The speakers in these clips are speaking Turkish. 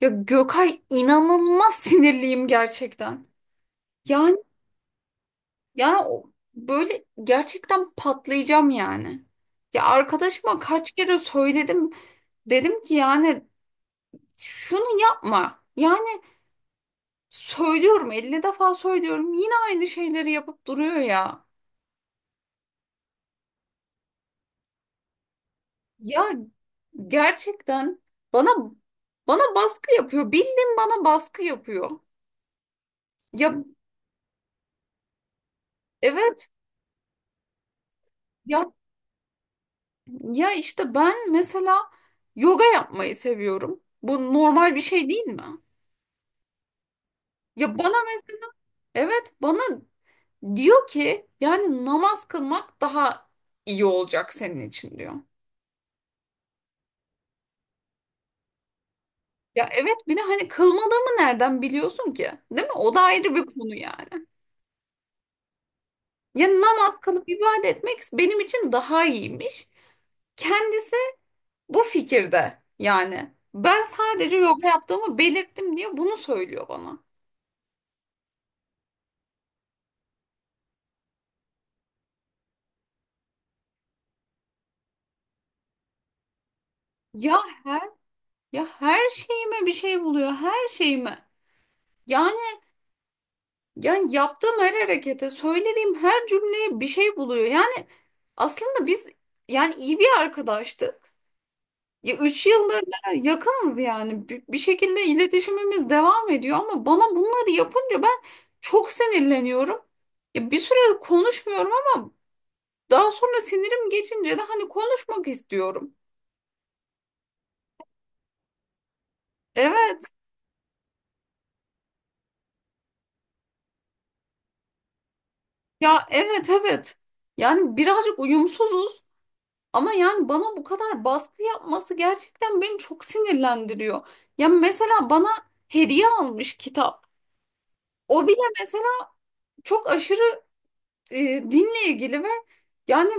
Ya Gökay inanılmaz sinirliyim gerçekten. Yani yani o- böyle gerçekten patlayacağım yani. Ya arkadaşıma kaç kere söyledim. Dedim ki yani şunu yapma. Yani söylüyorum 50 defa söylüyorum yine aynı şeyleri yapıp duruyor ya. Ya gerçekten bana bana baskı yapıyor. Bildiğin bana baskı yapıyor. Ya evet. Ya işte ben mesela yoga yapmayı seviyorum. Bu normal bir şey değil mi? Ya bana mes- evet bana diyor ki yani namaz kılmak daha iyi olacak senin için diyor. Ya evet bir de hani kılmadığımı nereden biliyorsun ki? Değil mi? O da ayrı bir konu yani. Ya namaz kılıp ibadet etmek benim için daha iyiymiş. Kendisi bu fikirde yani. Ben sadece yoga yaptığımı belirttim diye bunu söylüyor bana. Ya Ya her şeyime bir şey buluyor, her şeyime. Yani yani yaptığım her harekete, söylediğim her cümleye bir şey buluyor. Yani aslında biz yani iyi bir arkadaştık. Ya üç yıldır da yakınız yani. Bir şekilde iletişimimiz devam ediyor ama bana bunları yapınca ben çok sinirleniyorum. Ya bir süre konuşmuyorum ama daha sonra sinirim geçince de hani konuşmak istiyorum. Evet, ya evet. Yani birazcık uyumsuzuz. Ama yani bana bu kadar baskı yapması gerçekten beni çok sinirlendiriyor. Ya mesela bana hediye almış kitap. O bile mesela çok aşırı e, dinle ilgili ve yani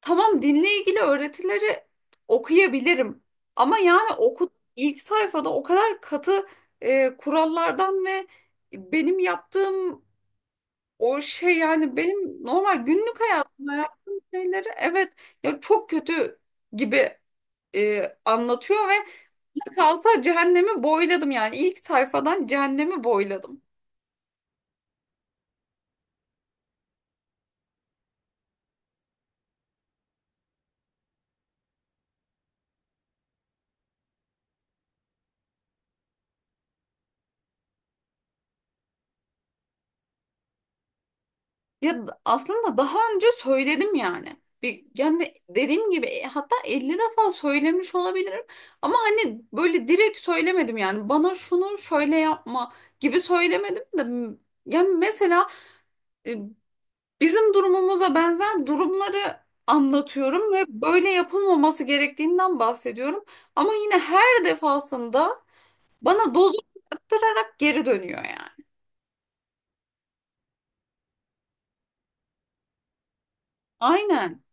tamam dinle ilgili öğretileri okuyabilirim. Ama yani oku ilk sayfada o kadar katı kurallardan ve benim yaptığım o şey yani benim normal günlük hayatımda yaptığım şeyleri evet ya çok kötü gibi anlatıyor ve kalsa cehennemi boyladım yani ilk sayfadan cehennemi boyladım. Aslında daha önce söyledim yani. Bir, yani dediğim gibi hatta 50 defa söylemiş olabilirim ama hani böyle direkt söylemedim yani bana şunu şöyle yapma gibi söylemedim de yani mesela e, bizim durumumuza benzer durumları anlatıyorum ve böyle yapılmaması gerektiğinden bahsediyorum ama yine her defasında bana dozu arttırarak geri dönüyor yani. Aynen.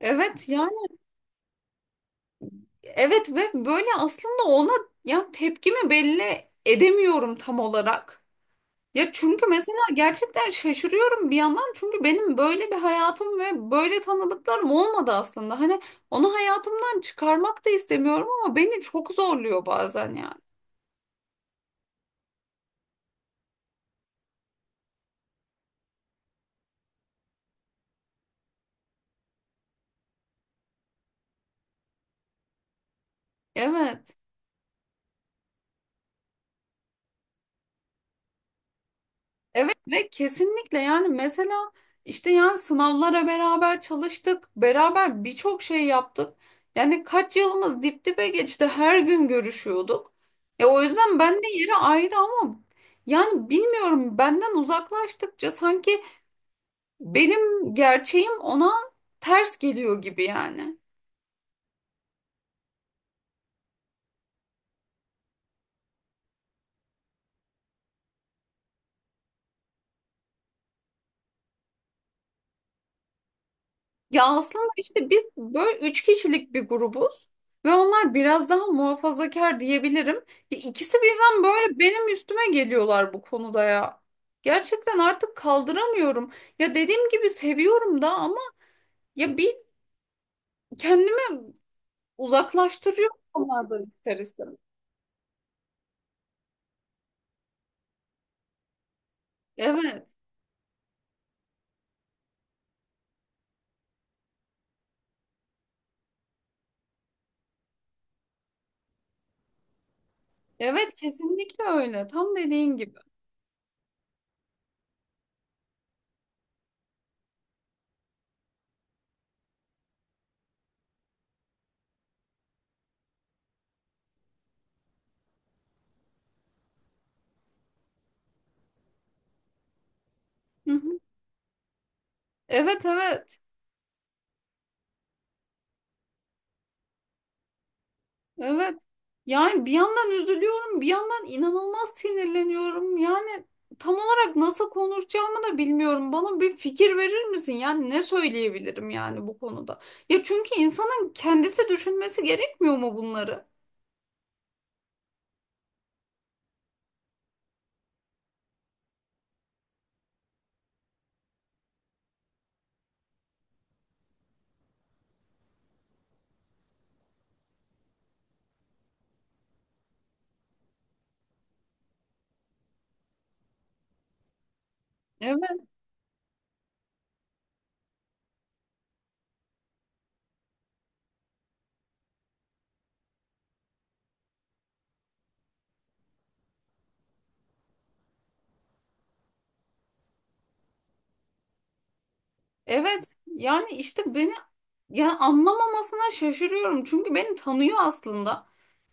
Evet yani evet ve böyle aslında ona ya tepkimi belli edemiyorum tam olarak. Ya çünkü mesela gerçekten şaşırıyorum bir yandan çünkü benim böyle bir hayatım ve böyle tanıdıklarım olmadı aslında. Hani onu hayatımdan çıkarmak da istemiyorum ama beni çok zorluyor bazen yani. Evet. Evet ve kesinlikle yani mesela işte yani sınavlara beraber çalıştık, beraber birçok şey yaptık. Yani kaç yılımız dip dibe geçti, her gün görüşüyorduk. E o yüzden ben de yeri ayrı ama yani bilmiyorum benden uzaklaştıkça sanki benim gerçeğim ona ters geliyor gibi yani. Ya aslında işte biz böyle üç kişilik bir grubuz ve onlar biraz daha muhafazakar diyebilirim. Ya İkisi birden böyle benim üstüme geliyorlar bu konuda ya. Gerçekten artık kaldıramıyorum. Ya dediğim gibi seviyorum da ama ya bir kendimi uzaklaştırıyor onlardan ister istemez. Evet, evet kesinlikle öyle. Tam dediğin gibi. Hı hı. Evet. Evet. Yani bir yandan üzülüyorum, bir yandan inanılmaz sinirleniyorum. Yani tam olarak nasıl konuşacağımı da bilmiyorum. Bana bir fikir verir misin? Yani ne söyleyebilirim yani bu konuda? Ya çünkü insanın kendisi düşünmesi gerekmiyor mu bunları? Evet. Evet yani işte beni ya anlamamasına şaşırıyorum. Çünkü beni tanıyor aslında.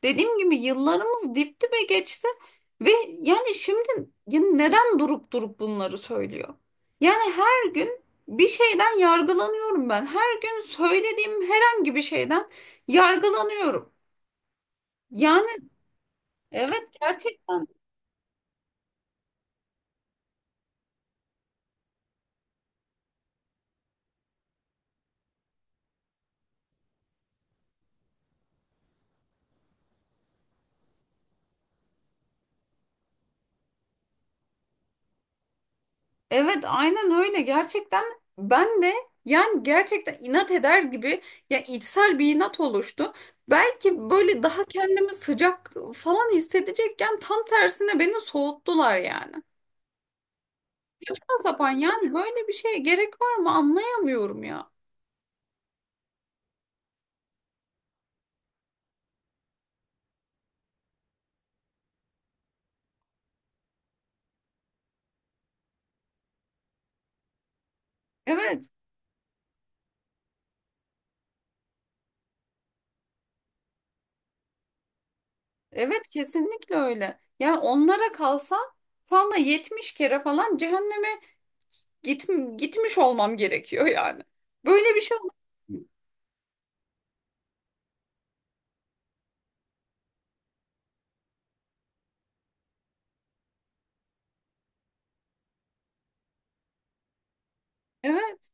Dediğim gibi yıllarımız dip dibe geçti ve yani şimdi ya neden durup durup bunları söylüyor? Yani her gün bir şeyden yargılanıyorum ben. Her gün söylediğim herhangi bir şeyden yargılanıyorum. Yani evet gerçekten evet aynen öyle gerçekten ben de yani gerçekten inat eder gibi ya içsel bir inat oluştu. Belki böyle daha kendimi sıcak falan hissedecekken tam tersine beni soğuttular yani. Saçma sapan yani böyle bir şeye gerek var mı anlayamıyorum ya. Evet evet kesinlikle öyle. Yani onlara kalsa şu anda 70 kere falan cehenneme git, gitmiş olmam gerekiyor yani. Böyle bir şey olmaz. Evet,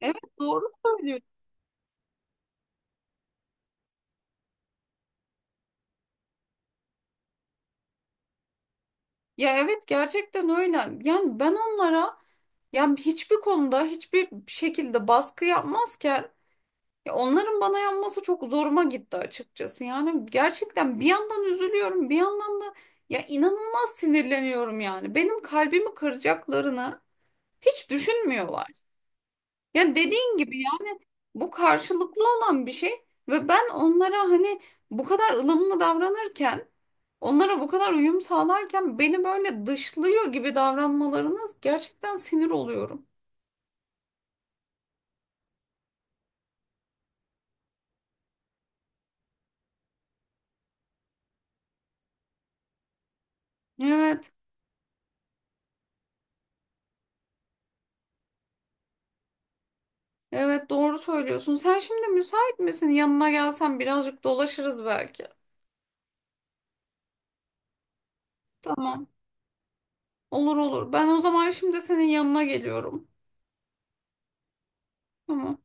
evet doğru söylüyorsun. Ya evet gerçekten öyle. Yani ben onlara yani hiçbir konuda hiçbir şekilde baskı yapmazken ya onların bana yanması çok zoruma gitti açıkçası. Yani gerçekten bir yandan üzülüyorum, bir yandan da ya inanılmaz sinirleniyorum yani. Benim kalbimi kıracaklarını hiç düşünmüyorlar. Ya dediğin gibi yani bu karşılıklı olan bir şey ve ben onlara hani bu kadar ılımlı davranırken, onlara bu kadar uyum sağlarken beni böyle dışlıyor gibi davranmalarına gerçekten sinir oluyorum. Evet. Evet doğru söylüyorsun. Sen şimdi müsait misin? Yanına gelsen birazcık dolaşırız belki. Tamam. Olur olur. Ben o zaman şimdi senin yanına geliyorum. Tamam.